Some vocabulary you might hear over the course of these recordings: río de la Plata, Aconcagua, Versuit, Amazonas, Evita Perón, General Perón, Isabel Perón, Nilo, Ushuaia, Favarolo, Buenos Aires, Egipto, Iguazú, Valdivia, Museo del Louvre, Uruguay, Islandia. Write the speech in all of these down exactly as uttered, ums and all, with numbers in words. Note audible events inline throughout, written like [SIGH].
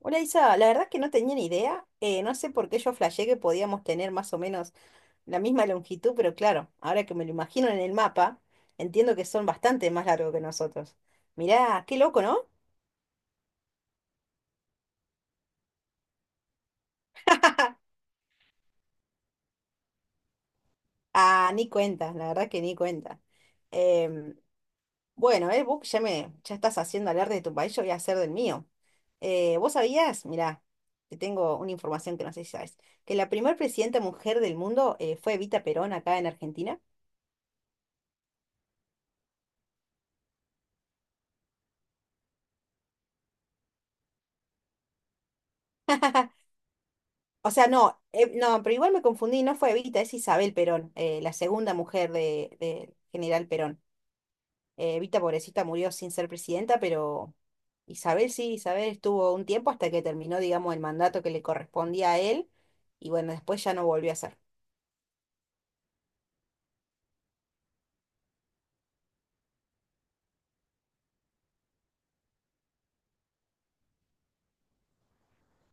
Hola Isa, la verdad es que no tenía ni idea. Eh, no sé por qué yo flashé que podíamos tener más o menos la misma longitud, pero claro, ahora que me lo imagino en el mapa, entiendo que son bastante más largos que nosotros. Mirá, qué loco, ¿no? [LAUGHS] Ah, ni cuenta, la verdad que ni cuenta. Em, bueno, eh, vos ya me, ya estás haciendo alarde de tu país, yo voy a hacer del mío. Eh, ¿vos sabías? Mirá, te tengo una información que no sé si sabes, que la primer presidenta mujer del mundo eh, fue Evita Perón acá en Argentina. O sea, no, eh, no, pero igual me confundí, no fue Evita, es Isabel Perón, eh, la segunda mujer de, de General Perón. Eh, Evita, pobrecita, murió sin ser presidenta, pero Isabel sí, Isabel estuvo un tiempo hasta que terminó, digamos, el mandato que le correspondía a él, y bueno, después ya no volvió a ser.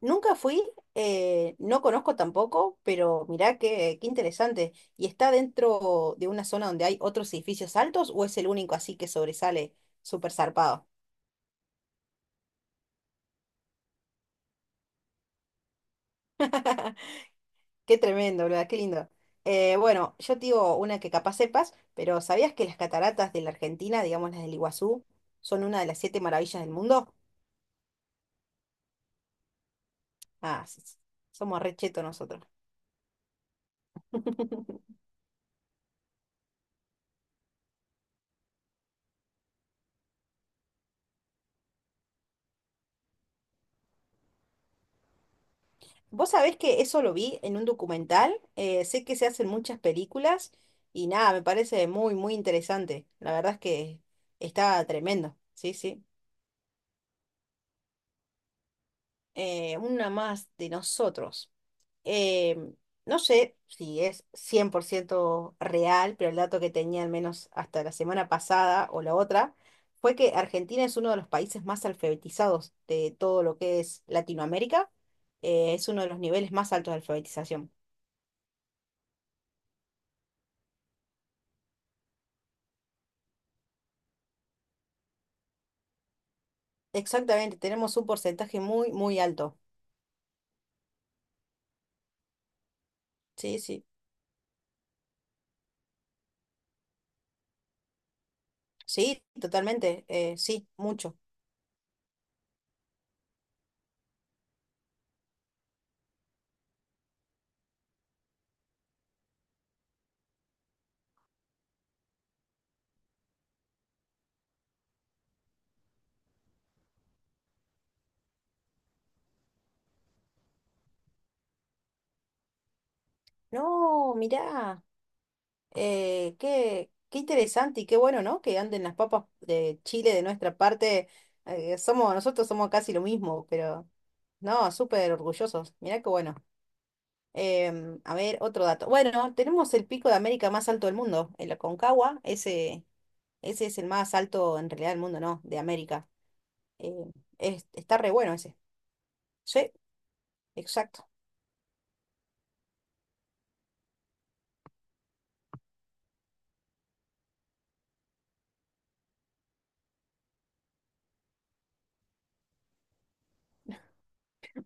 Nunca fui, eh, no conozco tampoco, pero mirá qué, qué interesante. ¿Y está dentro de una zona donde hay otros edificios altos o es el único así que sobresale súper zarpado? Qué tremendo, ¿verdad? Qué lindo. Eh, bueno, yo te digo una que capaz sepas, pero ¿sabías que las cataratas de la Argentina, digamos las del Iguazú, son una de las siete maravillas del mundo? Ah, sí, sí, somos re nosotros. [LAUGHS] Vos sabés que eso lo vi en un documental, eh, sé que se hacen muchas películas y nada, me parece muy, muy interesante. La verdad es que está tremendo, sí, sí. Eh, una más de nosotros. eh, no sé si es cien por ciento real, pero el dato que tenía al menos hasta la semana pasada o la otra fue que Argentina es uno de los países más alfabetizados de todo lo que es Latinoamérica. Eh, es uno de los niveles más altos de alfabetización. Exactamente, tenemos un porcentaje muy, muy alto. Sí, sí. Sí, totalmente. Eh, sí, mucho. No, mirá. Eh, qué, qué interesante y qué bueno, ¿no? Que anden las papas de Chile de nuestra parte. Eh, somos, nosotros somos casi lo mismo, pero no, súper orgullosos. Mirá qué bueno. Em, a ver, otro dato. Bueno, tenemos el pico de América más alto del mundo, el Aconcagua. Ese, ese es el más alto en realidad del mundo, ¿no? De América. Em, es- Está re bueno ese. Sí, exacto.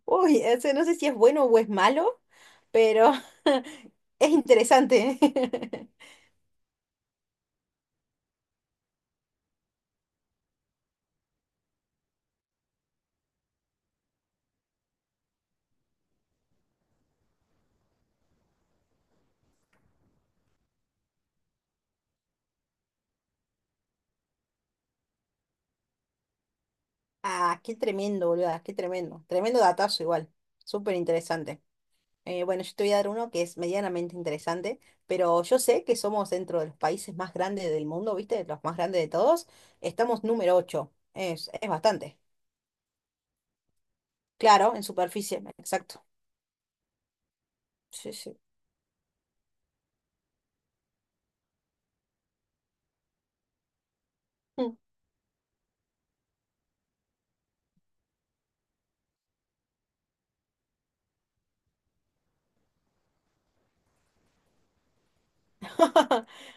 Uy, ese no sé si es bueno o es malo, pero [LAUGHS] es interesante. [LAUGHS] Ah, qué tremendo, boluda, qué tremendo. Tremendo datazo igual. Súper interesante. Eh, bueno, yo te voy a dar uno que es medianamente interesante, pero yo sé que somos dentro de los países más grandes del mundo, ¿viste? Los más grandes de todos. Estamos número ocho. Es, es bastante. Claro, en superficie, exacto. Sí, sí. Mm. [LAUGHS]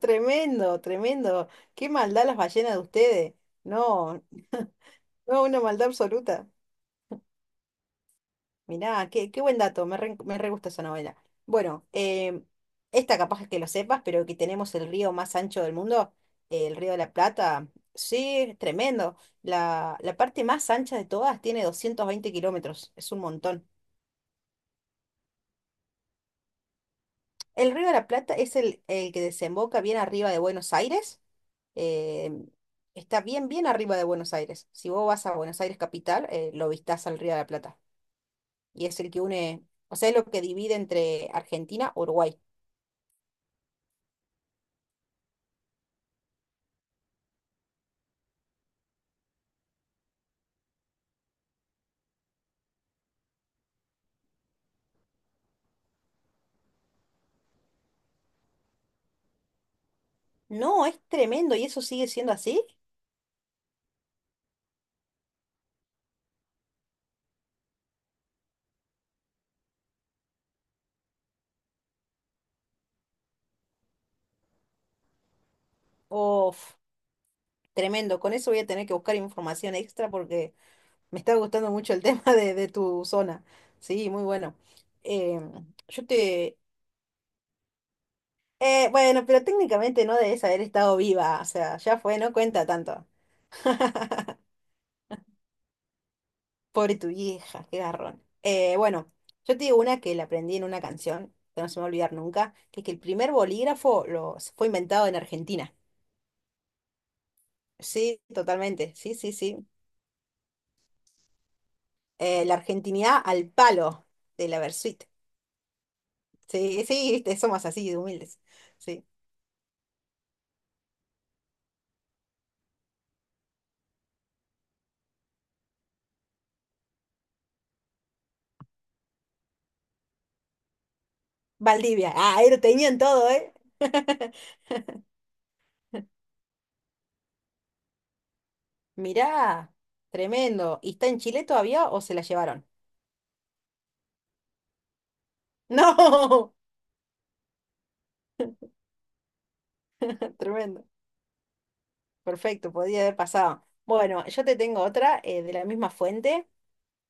Tremendo, tremendo. Qué maldad las ballenas de ustedes. No, [LAUGHS] no, una maldad absoluta. Mirá, qué, qué buen dato, me re, me re gusta esa novela. Bueno, em, esta capaz es que lo sepas, pero que tenemos el río más ancho del mundo, eh, el río de la Plata, sí, es tremendo. La, la parte más ancha de todas tiene doscientos veinte kilómetros, es un montón. El río de la Plata es el, el que desemboca bien arriba de Buenos Aires, em, está bien, bien arriba de Buenos Aires. Si vos vas a Buenos Aires capital, eh, lo vistás al río de la Plata, y es el que une, o sea, es lo que divide entre Argentina y Uruguay. No, es tremendo. ¿Y eso sigue siendo así? Uf, tremendo. Con eso voy a tener que buscar información extra porque me está gustando mucho el [LAUGHS] tema de, de tu zona. Sí, muy bueno. Em, yo te... eh, Bueno, pero técnicamente no debes haber estado viva. O sea, ya fue, no cuenta tanto. [LAUGHS] Pobre tu vieja, qué garrón. Eh, bueno, yo te digo una que la aprendí en una canción, que no se me va a olvidar nunca, que es que el primer bolígrafo lo, fue inventado en Argentina. Sí, totalmente. Sí, sí, sí. Eh, la argentinidad al palo de la Versuit. Sí, sí, viste, somos así de humildes. Sí. Valdivia, ah, ahí lo tenían todo, ¿eh? [LAUGHS] Mirá, tremendo. ¿Y está en Chile todavía o se la llevaron? No, [LAUGHS] tremendo. Perfecto, podía haber pasado. Bueno, yo te tengo otra eh, de la misma fuente.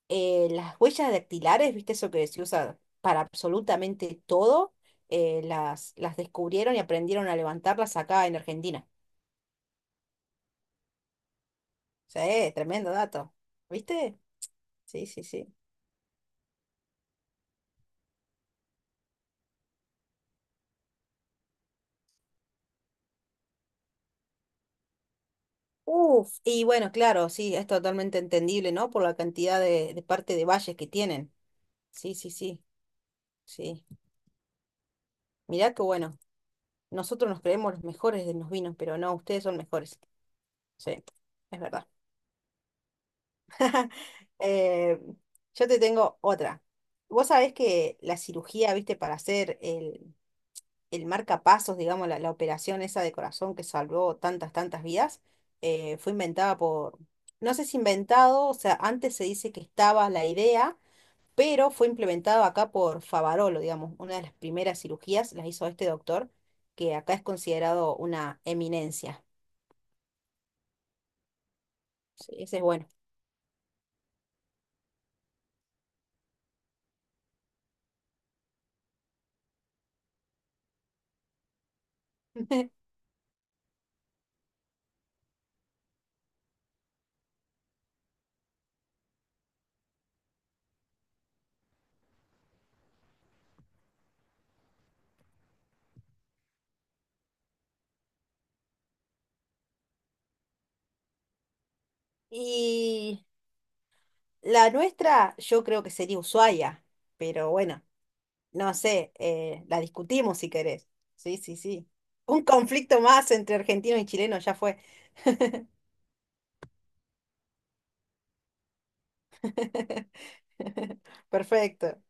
Eh, las huellas dactilares, ¿viste eso que se usa para absolutamente todo? Eh, las, las descubrieron y aprendieron a levantarlas acá en Argentina. Sí, tremendo dato. ¿Viste? Sí, sí, sí. Uf, y bueno, claro, sí, es totalmente entendible, ¿no? Por la cantidad de, de parte de valles que tienen. Sí, sí, sí, sí. Mirá que bueno, nosotros nos creemos los mejores de los vinos, pero no, ustedes son mejores. Sí, es verdad. [LAUGHS] Eh, yo te tengo otra. Vos sabés que la cirugía, ¿viste? Para hacer el, el marcapasos, digamos, la, la operación esa de corazón que salvó tantas, tantas vidas, eh, fue inventada por, no sé si inventado, o sea, antes se dice que estaba la idea, pero fue implementado acá por Favarolo, digamos, una de las primeras cirugías las hizo este doctor, que acá es considerado una eminencia. Sí, ese es bueno. [LAUGHS] Y la nuestra, yo creo que sería Ushuaia, pero bueno. No sé, eh, la discutimos si querés. Sí, sí, sí. Un conflicto más entre argentino y chileno ya fue. [LAUGHS] Perfecto.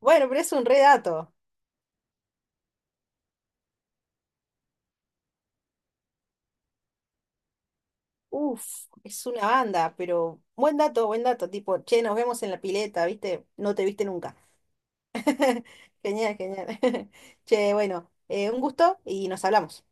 Bueno, pero es un re dato. Uf, es una banda, pero buen dato, buen dato. Tipo, che, nos vemos en la pileta, ¿viste? No te viste nunca. [LAUGHS] Genial, genial. [LAUGHS] Che, bueno, eh, un gusto y nos hablamos.